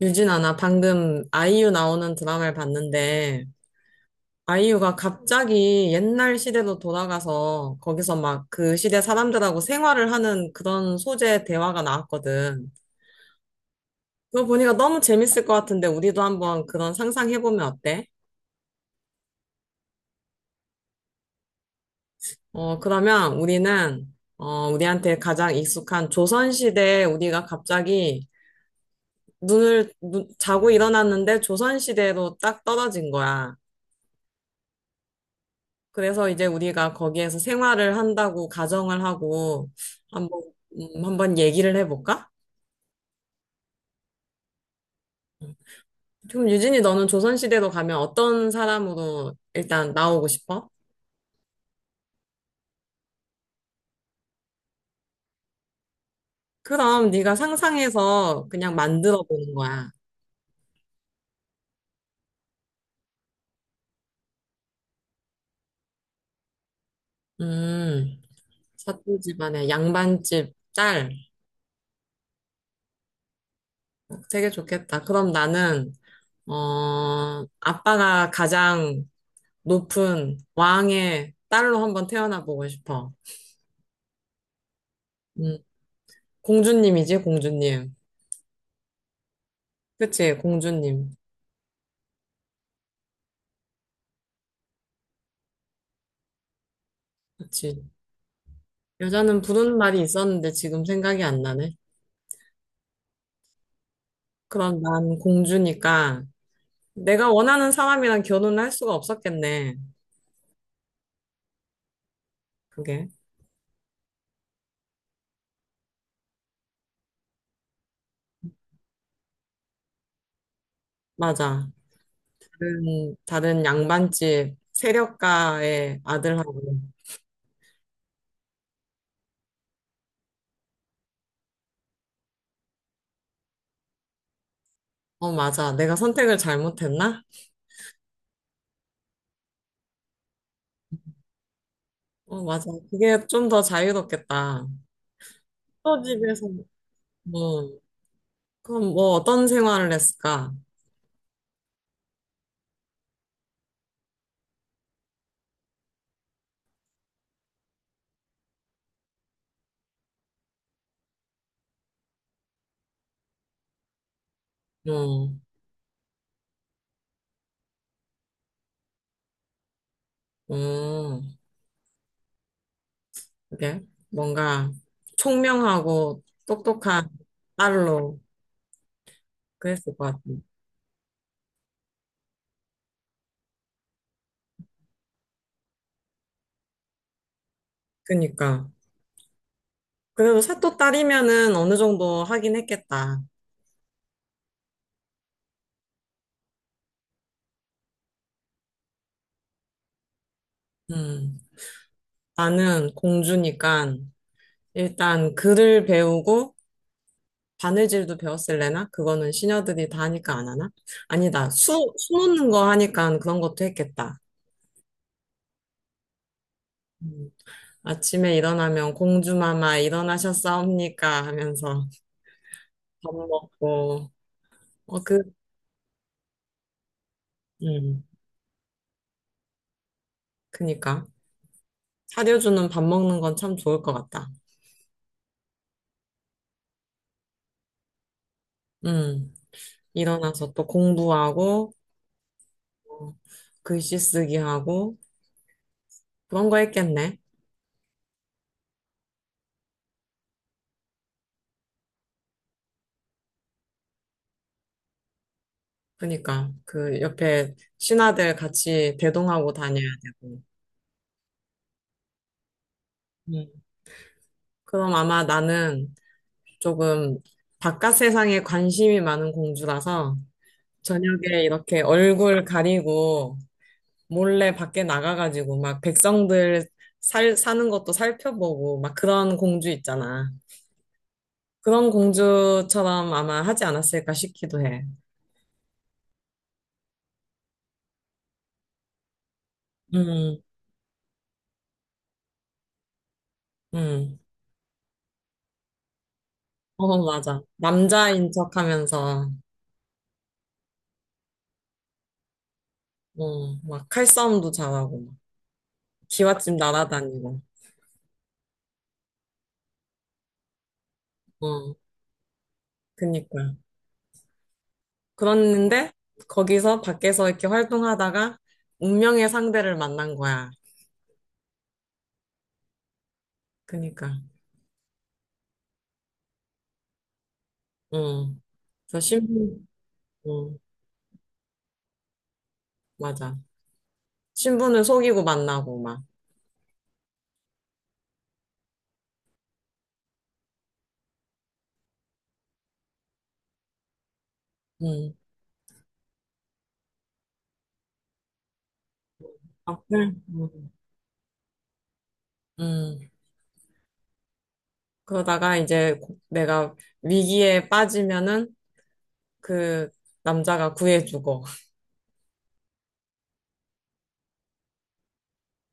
유진아, 나 방금 아이유 나오는 드라마를 봤는데, 아이유가 갑자기 옛날 시대로 돌아가서 거기서 그 시대 사람들하고 생활을 하는 그런 소재 대화가 나왔거든. 그거 보니까 너무 재밌을 것 같은데, 우리도 한번 그런 상상해보면 어때? 그러면 우리는, 우리한테 가장 익숙한 조선시대에 우리가 갑자기 자고 일어났는데 조선시대로 딱 떨어진 거야. 그래서 이제 우리가 거기에서 생활을 한다고 가정을 하고 한번 한번 얘기를 해볼까? 그럼 유진이 너는 조선시대로 가면 어떤 사람으로 일단 나오고 싶어? 그럼 네가 상상해서 그냥 만들어 보는 거야. 음, 사또 집안의 양반집 딸. 되게 좋겠다. 그럼 나는 아빠가 가장 높은 왕의 딸로 한번 태어나 보고 싶어. 음, 공주님이지, 공주님. 그치, 공주님. 그치. 여자는 부르는 말이 있었는데 지금 생각이 안 나네. 그럼 난 공주니까 내가 원하는 사람이랑 결혼을 할 수가 없었겠네. 그게. 맞아. 다른 양반집 세력가의 아들하고. 어, 맞아. 내가 선택을 잘못했나? 어, 맞아. 그게 좀 더 자유롭겠다. 또 집에서, 뭐, 그럼 뭐 어떤 생활을 했을까? 어, 어. 그게 뭔가 총명하고 똑똑한 딸로 그랬을 것 같아요. 그니까. 그래도 사또 딸이면은 어느 정도 하긴 했겠다. 음. 나는 공주니까 일단 글을 배우고 바느질도 배웠을래나? 그거는 시녀들이 다 하니까 안 하나? 아니다. 수 놓는 거 하니까 그런 것도 했겠다. 음. 아침에 일어나면 공주마마 일어나셨사옵니까 하면서 밥 먹고 어 그 음. 그니까 사려주는 밥 먹는 건 참 좋을 것 같다. 음, 일어나서 또 공부하고, 어, 글씨 쓰기 하고, 그런 거 했겠네. 그니까, 그 옆에 신하들 같이 대동하고 다녀야 되고. 음. 그럼 아마 나는 조금 바깥 세상에 관심이 많은 공주라서 저녁에 이렇게 얼굴 가리고 몰래 밖에 나가가지고 막 백성들 사는 것도 살펴보고 막 그런 공주 있잖아. 그런 공주처럼 아마 하지 않았을까 싶기도 해. 음, 음. 어, 맞아. 남자인 척 하면서, 어, 막 칼싸움도 잘하고, 막 기와집 날아다니고, 어, 그니까. 그랬는데, 거기서 밖에서 이렇게 활동하다가, 운명의 상대를 만난 거야. 그니까, 응. 그래서 신분, 응, 맞아. 신분을 속이고 만나고, 막, 응. 앞을, 응. 응. 그러다가 이제 내가 위기에 빠지면은 그 남자가 구해주고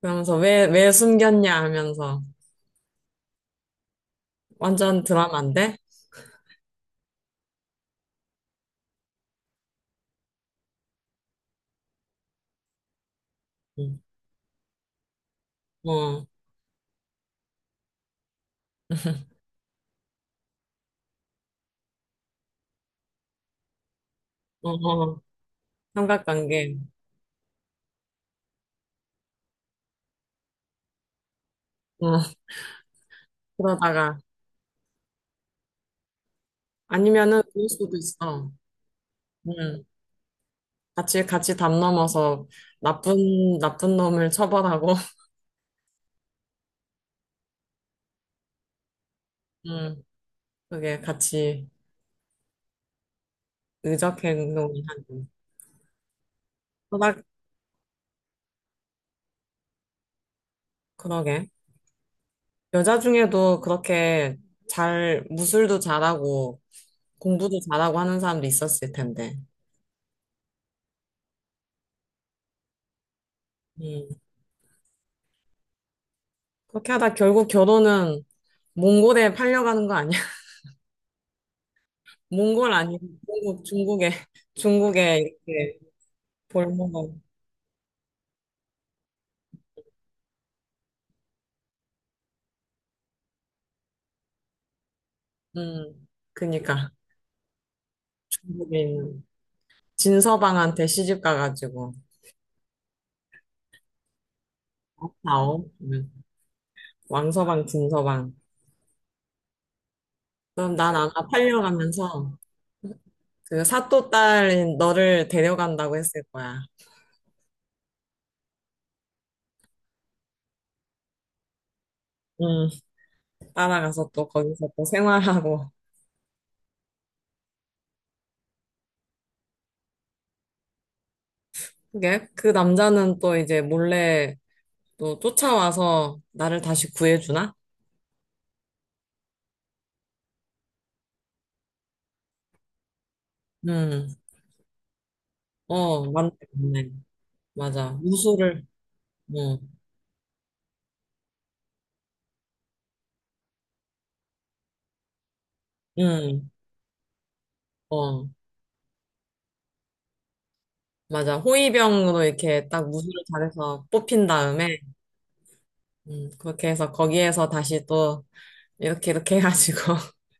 그러면서 왜 숨겼냐 하면서 완전 드라마인데? 응. 어, 어, 어, 삼각관계. 어, 그러다가 아니면은 그럴 수도 있어. 응. 같이 담 넘어서 나쁜 놈을 처벌하고 응. 그게 같이 의적 행동을 하는. 그러 그러게. 여자 중에도 그렇게 무술도 잘하고, 공부도 잘하고 하는 사람도 있었을 텐데. 음. 그렇게 하다 결국 결혼은 몽골에 팔려가는 거 아니야? 몽골 아니고 중국에, 중국에 이렇게 볼모로, 음, 그니까. 중국에 있는 진서방한테 시집 가가지고, 아오 왕서방, 진서방. 그럼 난 아마 팔려가면서 그 사또 딸인 너를 데려간다고 했을 거야. 음. 따라가서 또 거기서 또 생활하고. 그게 그 남자는 또 이제 몰래 또 쫓아와서 나를 다시 구해주나? 음, 어, 맞네. 맞아. 무술을, 응, 응, 어, 맞아. 호위병으로 이렇게 딱 무술을 잘해서 뽑힌 다음에, 그렇게 해서 거기에서 다시 또 이렇게 해가지고,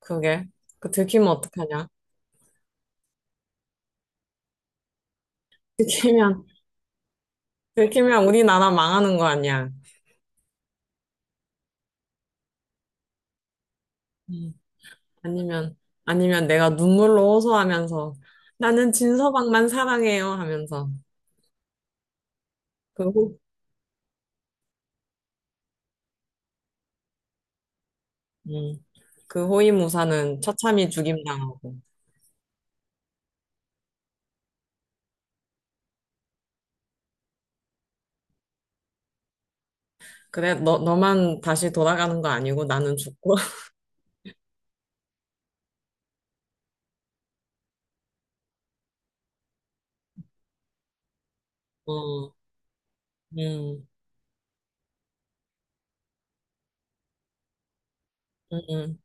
그게. 그 들키면 어떡하냐? 들키면, 들키면 우리나라 망하는 거 아니야. 음. 아니면, 아니면 내가 눈물로 호소하면서 나는 진서방만 사랑해요 하면서 그 호, 음, 그 호위무사는 처참히 죽임당하고 그래, 너만 다시 돌아가는 거 아니고 나는 죽고 어, 음, 음, 음.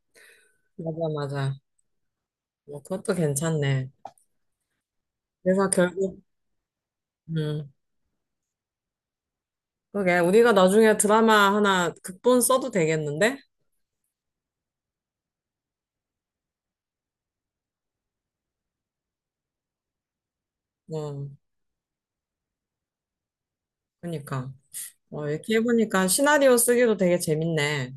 맞아 맞아 뭐 그것도 괜찮네 그래서 결국 음, 그게 우리가 나중에 드라마 하나 극본 써도 되겠는데? 어, 그러니까 어, 이렇게 해보니까 시나리오 쓰기도 되게 재밌네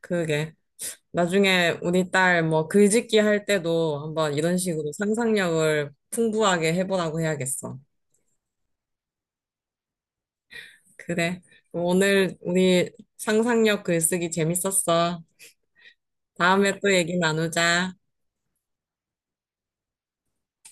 그게 나중에 우리 딸 뭐 글짓기 할 때도 한번 이런 식으로 상상력을 풍부하게 해보라고 해야겠어. 그래. 오늘 우리 상상력 글쓰기 재밌었어. 다음에 또 얘기 나누자.